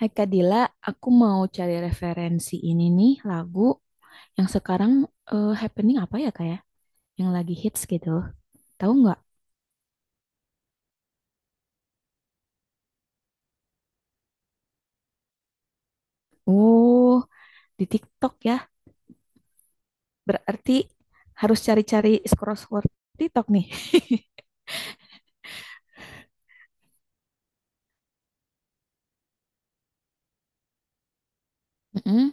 Hai Kak Dila, aku mau cari referensi ini nih lagu yang sekarang happening apa ya Kak ya? Yang lagi hits gitu. Tahu nggak? Oh, di TikTok ya. Berarti harus cari-cari scroll-scroll TikTok nih. Mm-mm.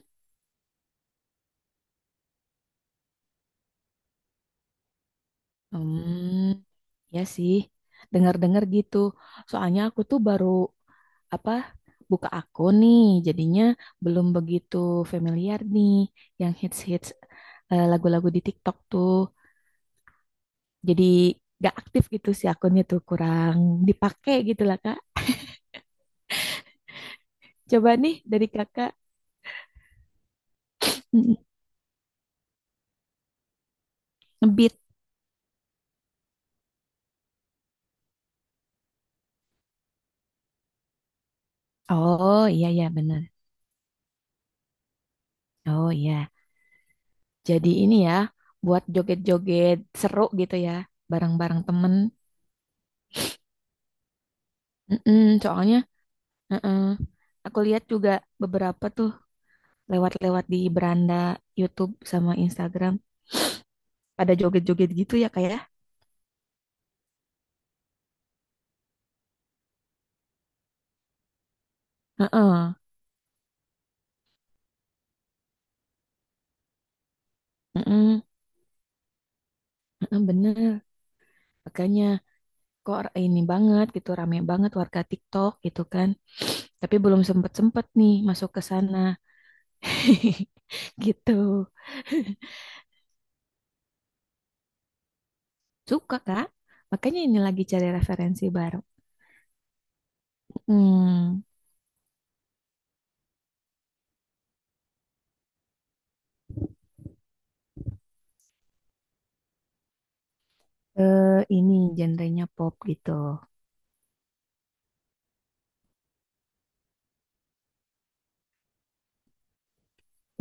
Hmm, ya sih. Dengar-dengar gitu. Soalnya aku tuh baru apa buka akun nih, jadinya belum begitu familiar nih yang hits-hits lagu-lagu di TikTok tuh. Jadi gak aktif gitu si akunnya tuh kurang dipakai gitu lah Kak. Coba nih dari Kakak mm, ngebeat. Oh iya iya bener. Oh iya. Jadi ini ya buat joget-joget seru gitu ya bareng-bareng temen. Mm-mm, soalnya mm-mm. Aku lihat juga beberapa tuh lewat-lewat di beranda YouTube sama Instagram pada joget-joget gitu ya Kak ya. Heeh. Heeh. Heeh, bener. Makanya kok ini banget gitu rame banget warga TikTok gitu kan tapi belum sempet sempet nih masuk ke sana gitu suka kak makanya ini lagi cari referensi baru hmm eh, ini genrenya pop gitu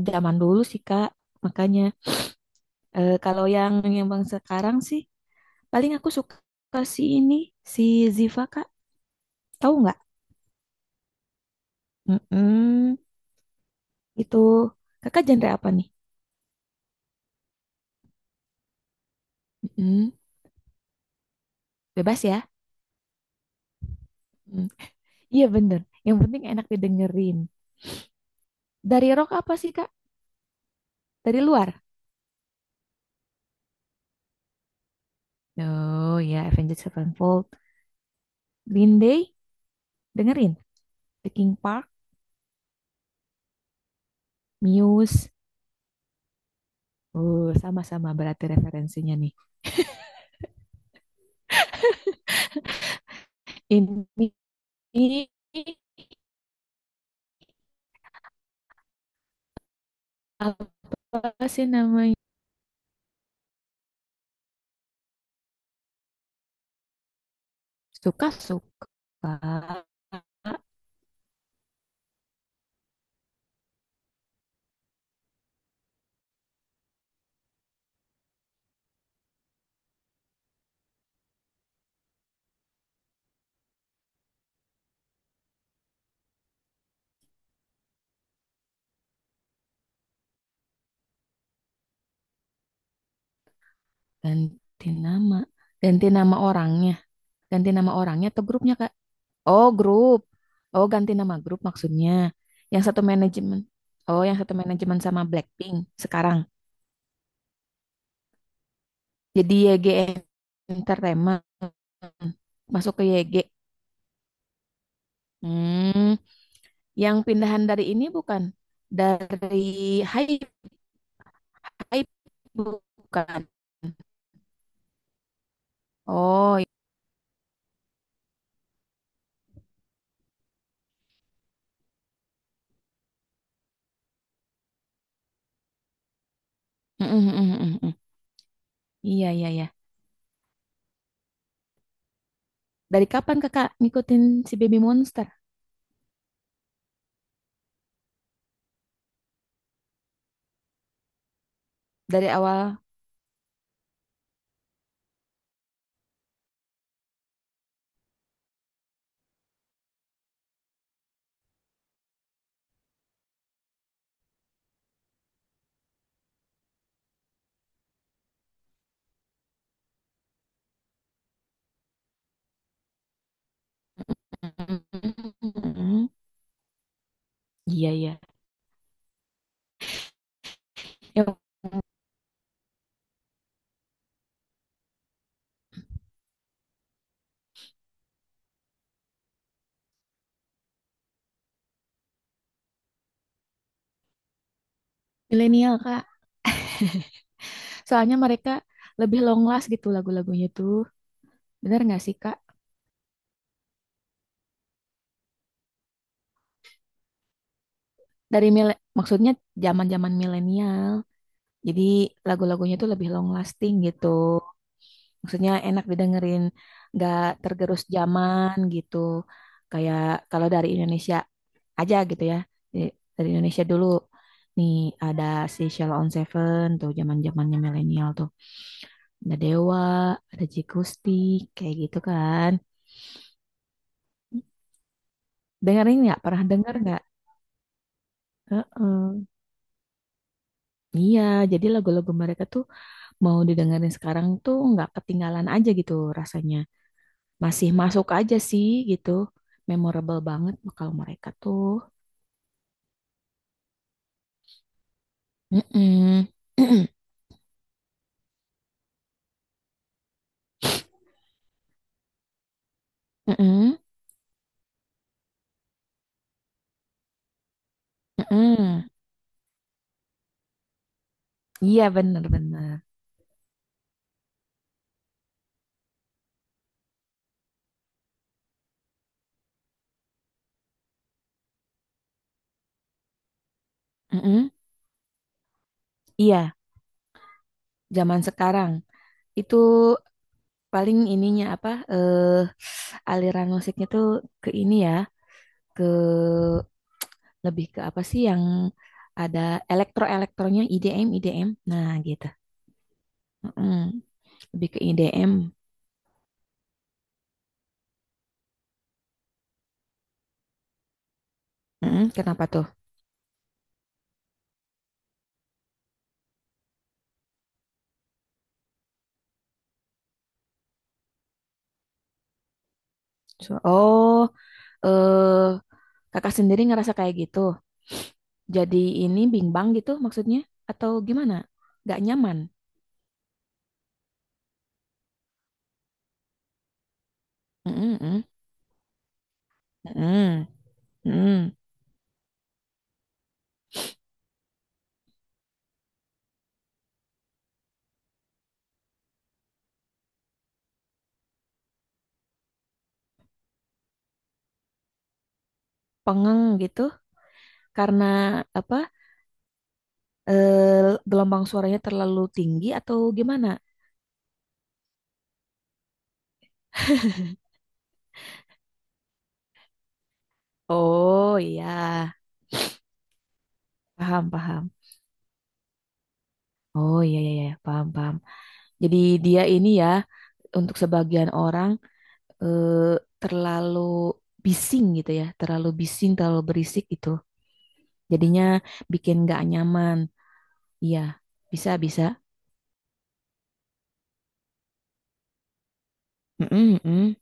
zaman dulu sih kak makanya kalau yang bang sekarang sih paling aku suka si ini si Ziva kak tahu nggak mm itu kakak genre apa nih. Mm-mm. Bebas ya. Mm. Iya bener. Yang penting enak didengerin. Dari rock apa sih Kak? Dari luar? Oh ya, Avenged Sevenfold, Green Day, dengerin. The King Park, Muse. Oh, sama-sama berarti referensinya nih. Ini ini apa sih namanya? Suka-suka. Ganti nama. Ganti nama orangnya. Ganti nama orangnya atau grupnya Kak? Oh, grup. Oh, ganti nama grup maksudnya. Yang satu manajemen. Oh, yang satu manajemen sama Blackpink sekarang. Jadi YG Entertainment. Masuk ke YG. Hmm, yang pindahan dari ini bukan? Dari Hype, Hype bukan? Oh, i- mm, mm, mm, mm, mm. Iya, iya, iya. Dari kapan kakak ngikutin si Baby Monster? Dari awal? Mm, mm, mm, mm. Iya, iya. Yang milenial, Kak. Soalnya mereka lebih long last gitu lagu-lagunya tuh. Bener nggak sih, Kak? Dari mile- maksudnya zaman-zaman milenial. Jadi lagu-lagunya tuh lebih long lasting gitu. Maksudnya enak didengerin, nggak tergerus zaman gitu. Kayak kalau dari Indonesia aja gitu ya. Jadi, dari Indonesia dulu. Nih ada si Sheila on Seven tuh zaman-zamannya milenial tuh. Ada Dewa, ada Ji Gusti, kayak gitu kan. Dengerin nggak? Pernah denger nggak? Heeh. Iya, jadi lagu-lagu mereka tuh mau didengerin sekarang tuh nggak ketinggalan aja gitu rasanya. Masih masuk aja sih gitu. Memorable banget kalau mereka tuh. Mm-mm. Mm-mm. Mm-mm. Iya bener-bener. Mm-mm. Iya, zaman sekarang itu paling ininya apa aliran musiknya tuh ke ini ya, ke lebih ke apa sih yang ada elektro-elektronya IDM IDM. Nah, gitu. Mm-mm. Lebih ke IDM. Mm-mm. Kenapa tuh? So- oh, eh kakak sendiri ngerasa kayak gitu. Jadi ini bimbang gitu maksudnya atau gimana? Gak nyaman. Mm-mm, mm. Mm-mm, mm. Pengeng gitu karena apa? Gelombang suaranya terlalu tinggi atau gimana? Oh iya, paham paham. Oh iya iya iya, paham paham. Jadi dia ini ya untuk sebagian orang eh, terlalu bising gitu ya, terlalu bising, terlalu berisik gitu. Jadinya bikin nggak nyaman. Iya, bisa, bisa. Mm-mm, mm.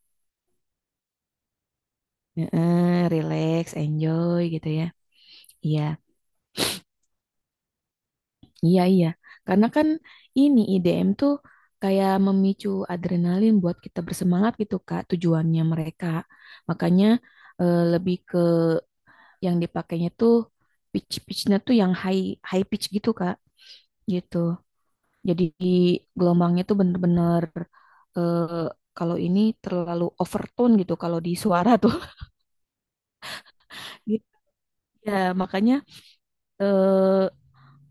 Heeh, relax, enjoy gitu ya. Iya, iya, iya. Karena kan ini IDM tuh kayak memicu adrenalin buat kita bersemangat gitu, Kak, tujuannya mereka. Makanya lebih ke yang dipakainya tuh pitch-pitchnya tuh yang high high pitch gitu, Kak. Gitu. Jadi gelombangnya tuh bener-bener eh, kalau ini terlalu overtone gitu kalau di suara tuh. Gitu. Ya, makanya eh,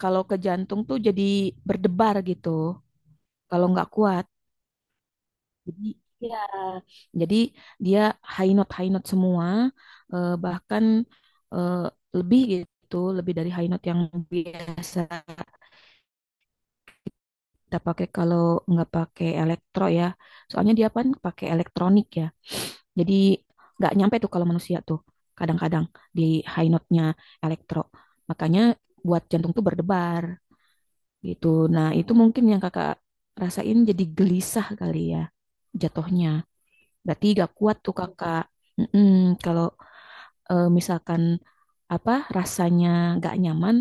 kalau ke jantung tuh jadi berdebar gitu kalau nggak kuat. Jadi ya, jadi dia high note semua bahkan eh, lebih gitu, lebih dari high note yang biasa kita pakai kalau nggak pakai elektro ya. Soalnya dia kan pakai elektronik ya. Jadi nggak nyampe tuh kalau manusia tuh kadang-kadang di high note-nya elektro. Makanya buat jantung tuh berdebar gitu. Nah itu mungkin yang kakak rasain jadi gelisah kali ya jatuhnya. Berarti gak kuat tuh kakak. Mm-mm. Kalau misalkan apa rasanya gak nyaman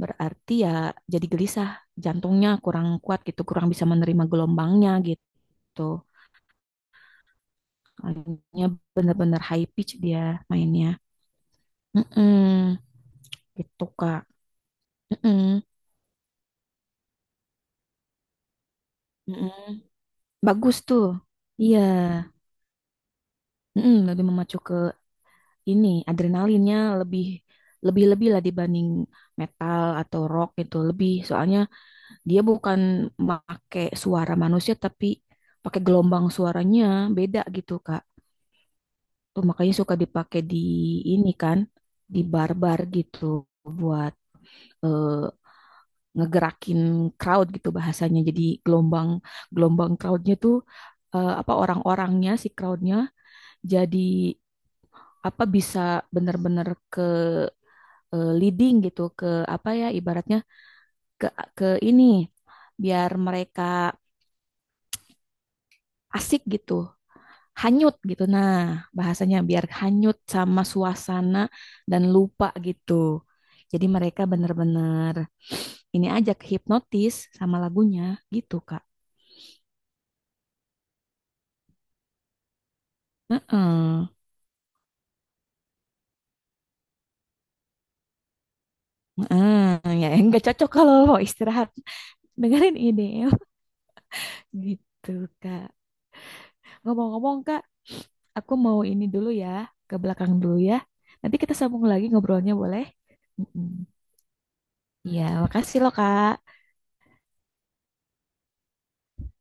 berarti ya jadi gelisah. Jantungnya kurang kuat gitu, kurang bisa menerima gelombangnya gitu. Hanya benar-benar high pitch dia mainnya. Mm-mm. Gitu, Kak. Mm-mm. Mm-mm. Bagus tuh. Iya. Mm-mm. Lebih memacu ke ini. Adrenalinnya lebih lebih-lebih lah dibanding metal atau rock gitu. Lebih soalnya dia bukan pakai suara manusia tapi pakai gelombang suaranya beda gitu, Kak. Tuh, makanya suka dipakai di ini kan, di bar-bar gitu buat eh, ngegerakin crowd gitu bahasanya. Jadi gelombang gelombang crowdnya tuh apa orang-orangnya si crowdnya jadi apa bisa benar-benar ke leading gitu ke apa ya ibaratnya ke ke ini biar mereka asik gitu hanyut gitu nah bahasanya biar hanyut sama suasana dan lupa gitu jadi mereka benar-benar ini aja kehipnotis sama lagunya gitu Kak. Heeh. Hmm, ya nggak cocok kalau mau istirahat. Dengerin ini gitu, Kak. Ngomong-ngomong, Kak, aku mau ini dulu ya, ke belakang dulu ya. Nanti kita sambung lagi ngobrolnya boleh? Mm-mm. Ya, makasih loh, Kak.